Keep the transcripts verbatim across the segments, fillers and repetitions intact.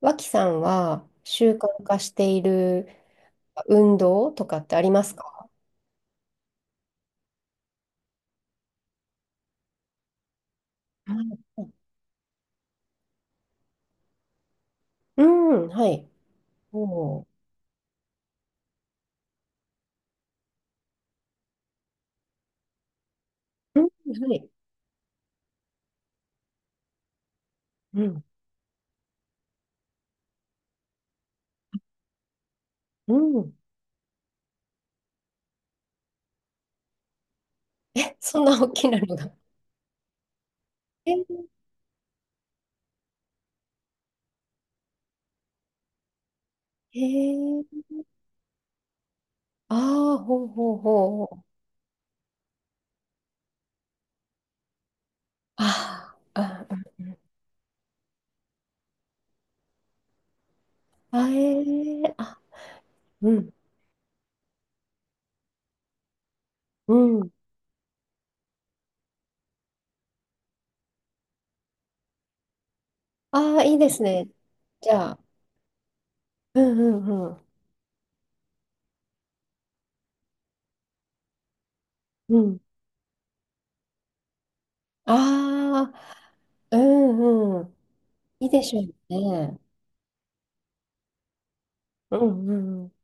脇さんは習慣化している運動とかってありますか？はい。うん、はい。おー。うん、はい。うん、うん。え、そんな大きなのが。えー、えー、ああ、ほうほうほうほう。あーあ、あ、えー、あ、うん、うん。ああ、いいですね。じゃあ、うんうんうん。うん。ああ、うんうん。いいでしょうね。うんうんうん。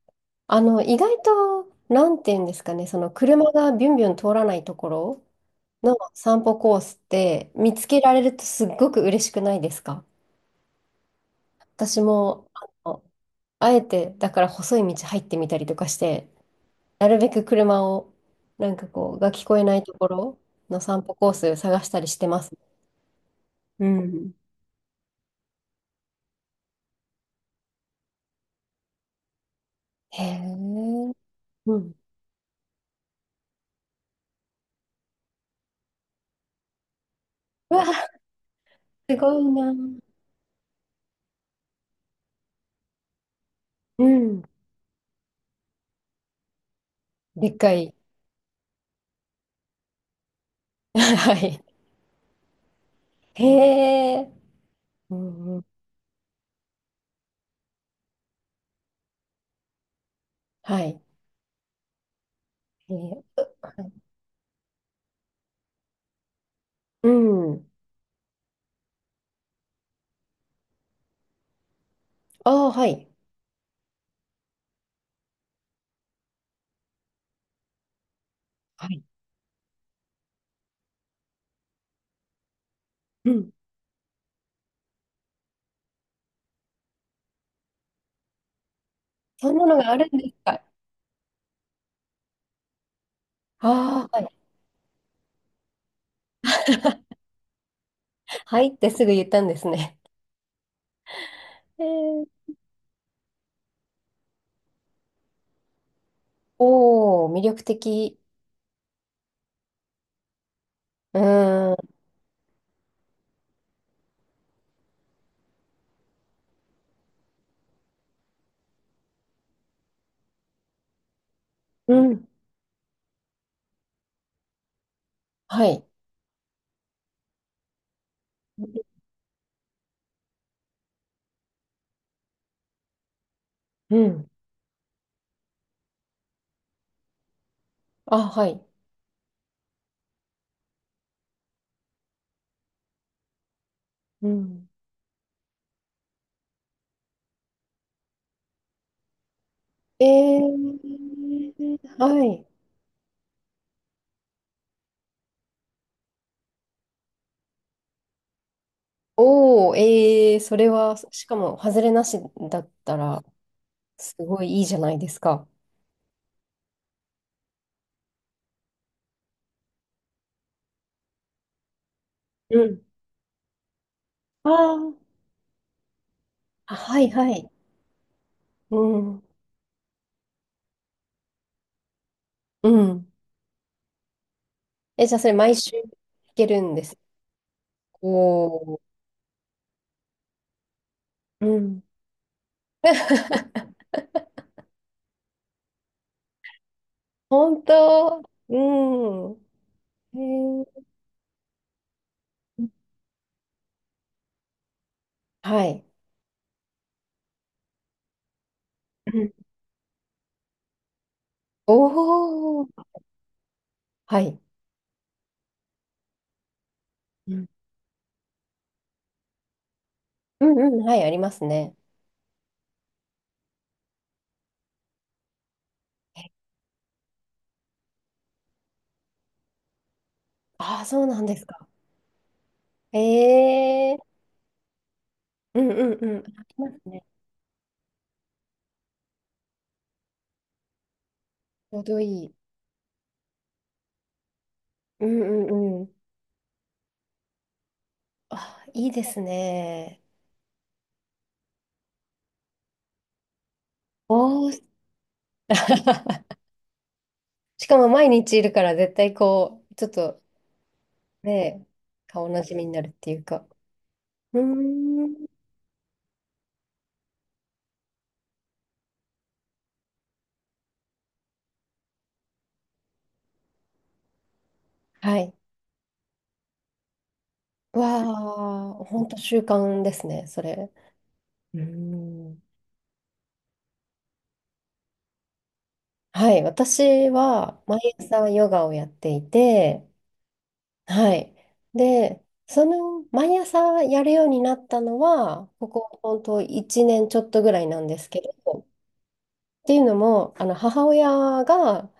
あの、意外と、なんていうんですかね、その車がビュンビュン通らないところの散歩コースって見つけられるとすっごく嬉しくないですか？私も、あのあえて、だから細い道入ってみたりとかして、なるべく車を、なんかこう、が聞こえないところの散歩コース探したりしてます。うん。へえ。うん。うわ、すごいな。うん。でっかい。はい。へえ。うんうん。はい。えー。うん。ああ、はい。はい。うん。そんなのがあるんですか？ああ、はい。はいってすぐ言ったんですね。えー、おお、魅力的。うーん。うん。はい。うん。あ、はい。うん。えー、はい。おお、えー、それは、しかも、外れなしだったら、すごいいいじゃないですか。うん。あーあ、はい、はい。うん。うん。え、じゃあ、それ、毎週聞けるんです？おー。うん。本当。うん。へえ。はい。うん。おお。はい。うんうんうん。はい、ありますね。ああ、そうなんですか。ええ。うんうんうん。ありますね。ちょうどいい。うんうんうん。あ、いいですね。おお。しかも毎日いるから絶対こう、ちょっとね、顔なじみになるっていうか。うーん。はい。わあ、本当習慣ですね、それ。うーん。はい、私は毎朝ヨガをやっていて、はい。で、その毎朝やるようになったのは、ここ本当いちねんちょっとぐらいなんですけど、っていうのも、あの母親が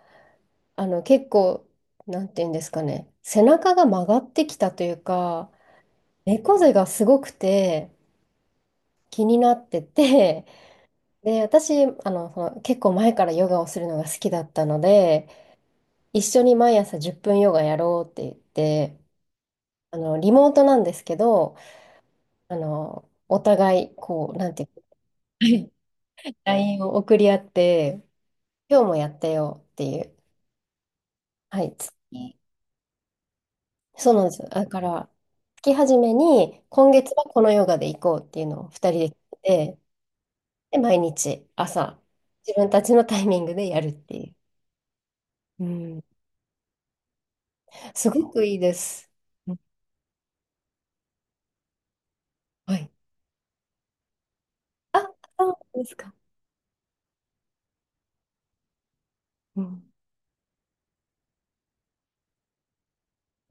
あの結構、なんていうんですかね、背中が曲がってきたというか、猫背がすごくて気になってて、で、私、あの、その結構前からヨガをするのが好きだったので、一緒に毎朝じゅっぷんヨガやろうって言って、あの、リモートなんですけど、あの、お互い、こう、なんていうか、はい、 ライン を送り合って、今日もやったよっていう、はい、月、そうなんですよ。だから、月初めに、今月はこのヨガで行こうっていうのをふたりで決めて、で、毎日朝、自分たちのタイミングでやるっていう。うん、すごくいいです。はい。あ、そうですか。うん。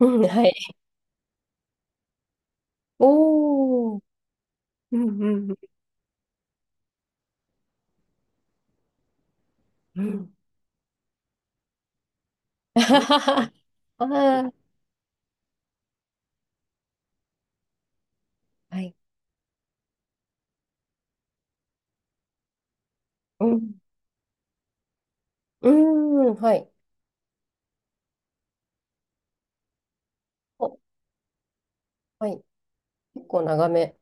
うん、はい。おー。うんうんうんうん。あはははあー、はい。うん。うーん、はい。お、はい。結構長め。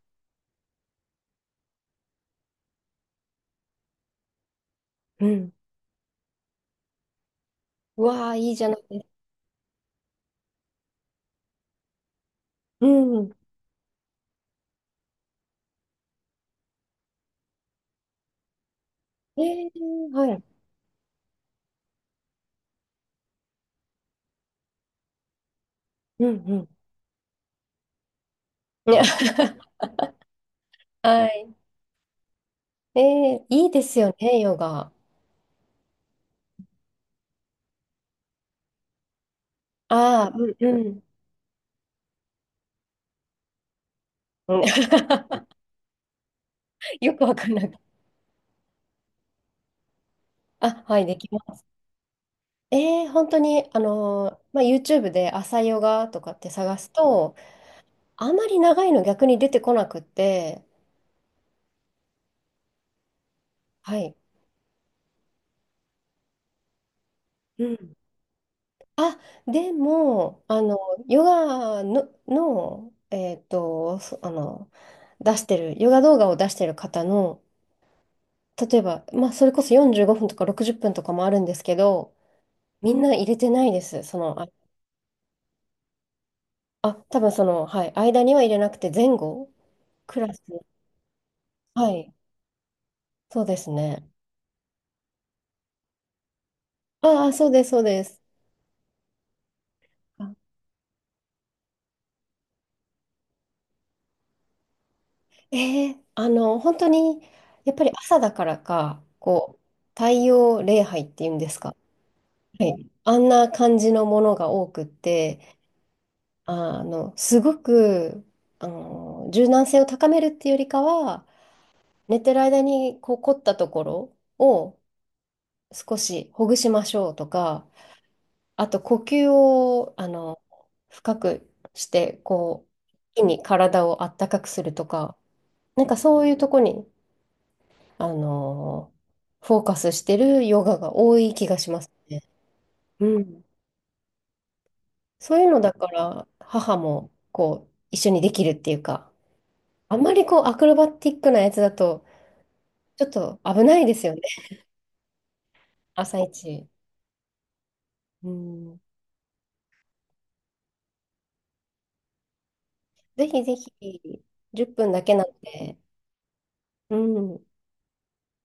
うん。うわあ、いいじゃないですか。うん。ええ。はい。うんうん。ね。 はい。ええ、いいですよね、ヨガ。ああ、うんうん。うん。 よくわかんなく。あ、はい、できます。えー、本当に、あのーまあ、YouTube で朝ヨガとかって探すと、あまり長いの逆に出てこなくって、はい。うん。あ、でも、あの、ヨガの、の、えっと、そあの、出してる、ヨガ動画を出してる方の、例えば、まあ、それこそよんじゅうごふんとかろくじゅっぷんとかもあるんですけど、みんな入れてないです。その、あ、あ、多分その、はい、間には入れなくて、前後、クラス、はい、そうですね。ああ、そうです、そうです。あえーあの、本当に、やっぱり朝だからか、こう、太陽礼拝っていうんですか？はい。あんな感じのものが多くって、あの、すごく、あの、柔軟性を高めるっていうよりかは、寝てる間に、こう、凝ったところを少しほぐしましょうとか、あと、呼吸を、あの、深くして、こう、一気に体をあったかくするとか、なんかそういうとこにあのーフォーカスしてるヨガが多い気がしますね。うん。そういうのだから、母もこう、一緒にできるっていうか、あんまりこう、アクロバティックなやつだと、ちょっと危ないですよね、朝一。うん。ぜひぜひ、じゅっぷんだけなんで、うん。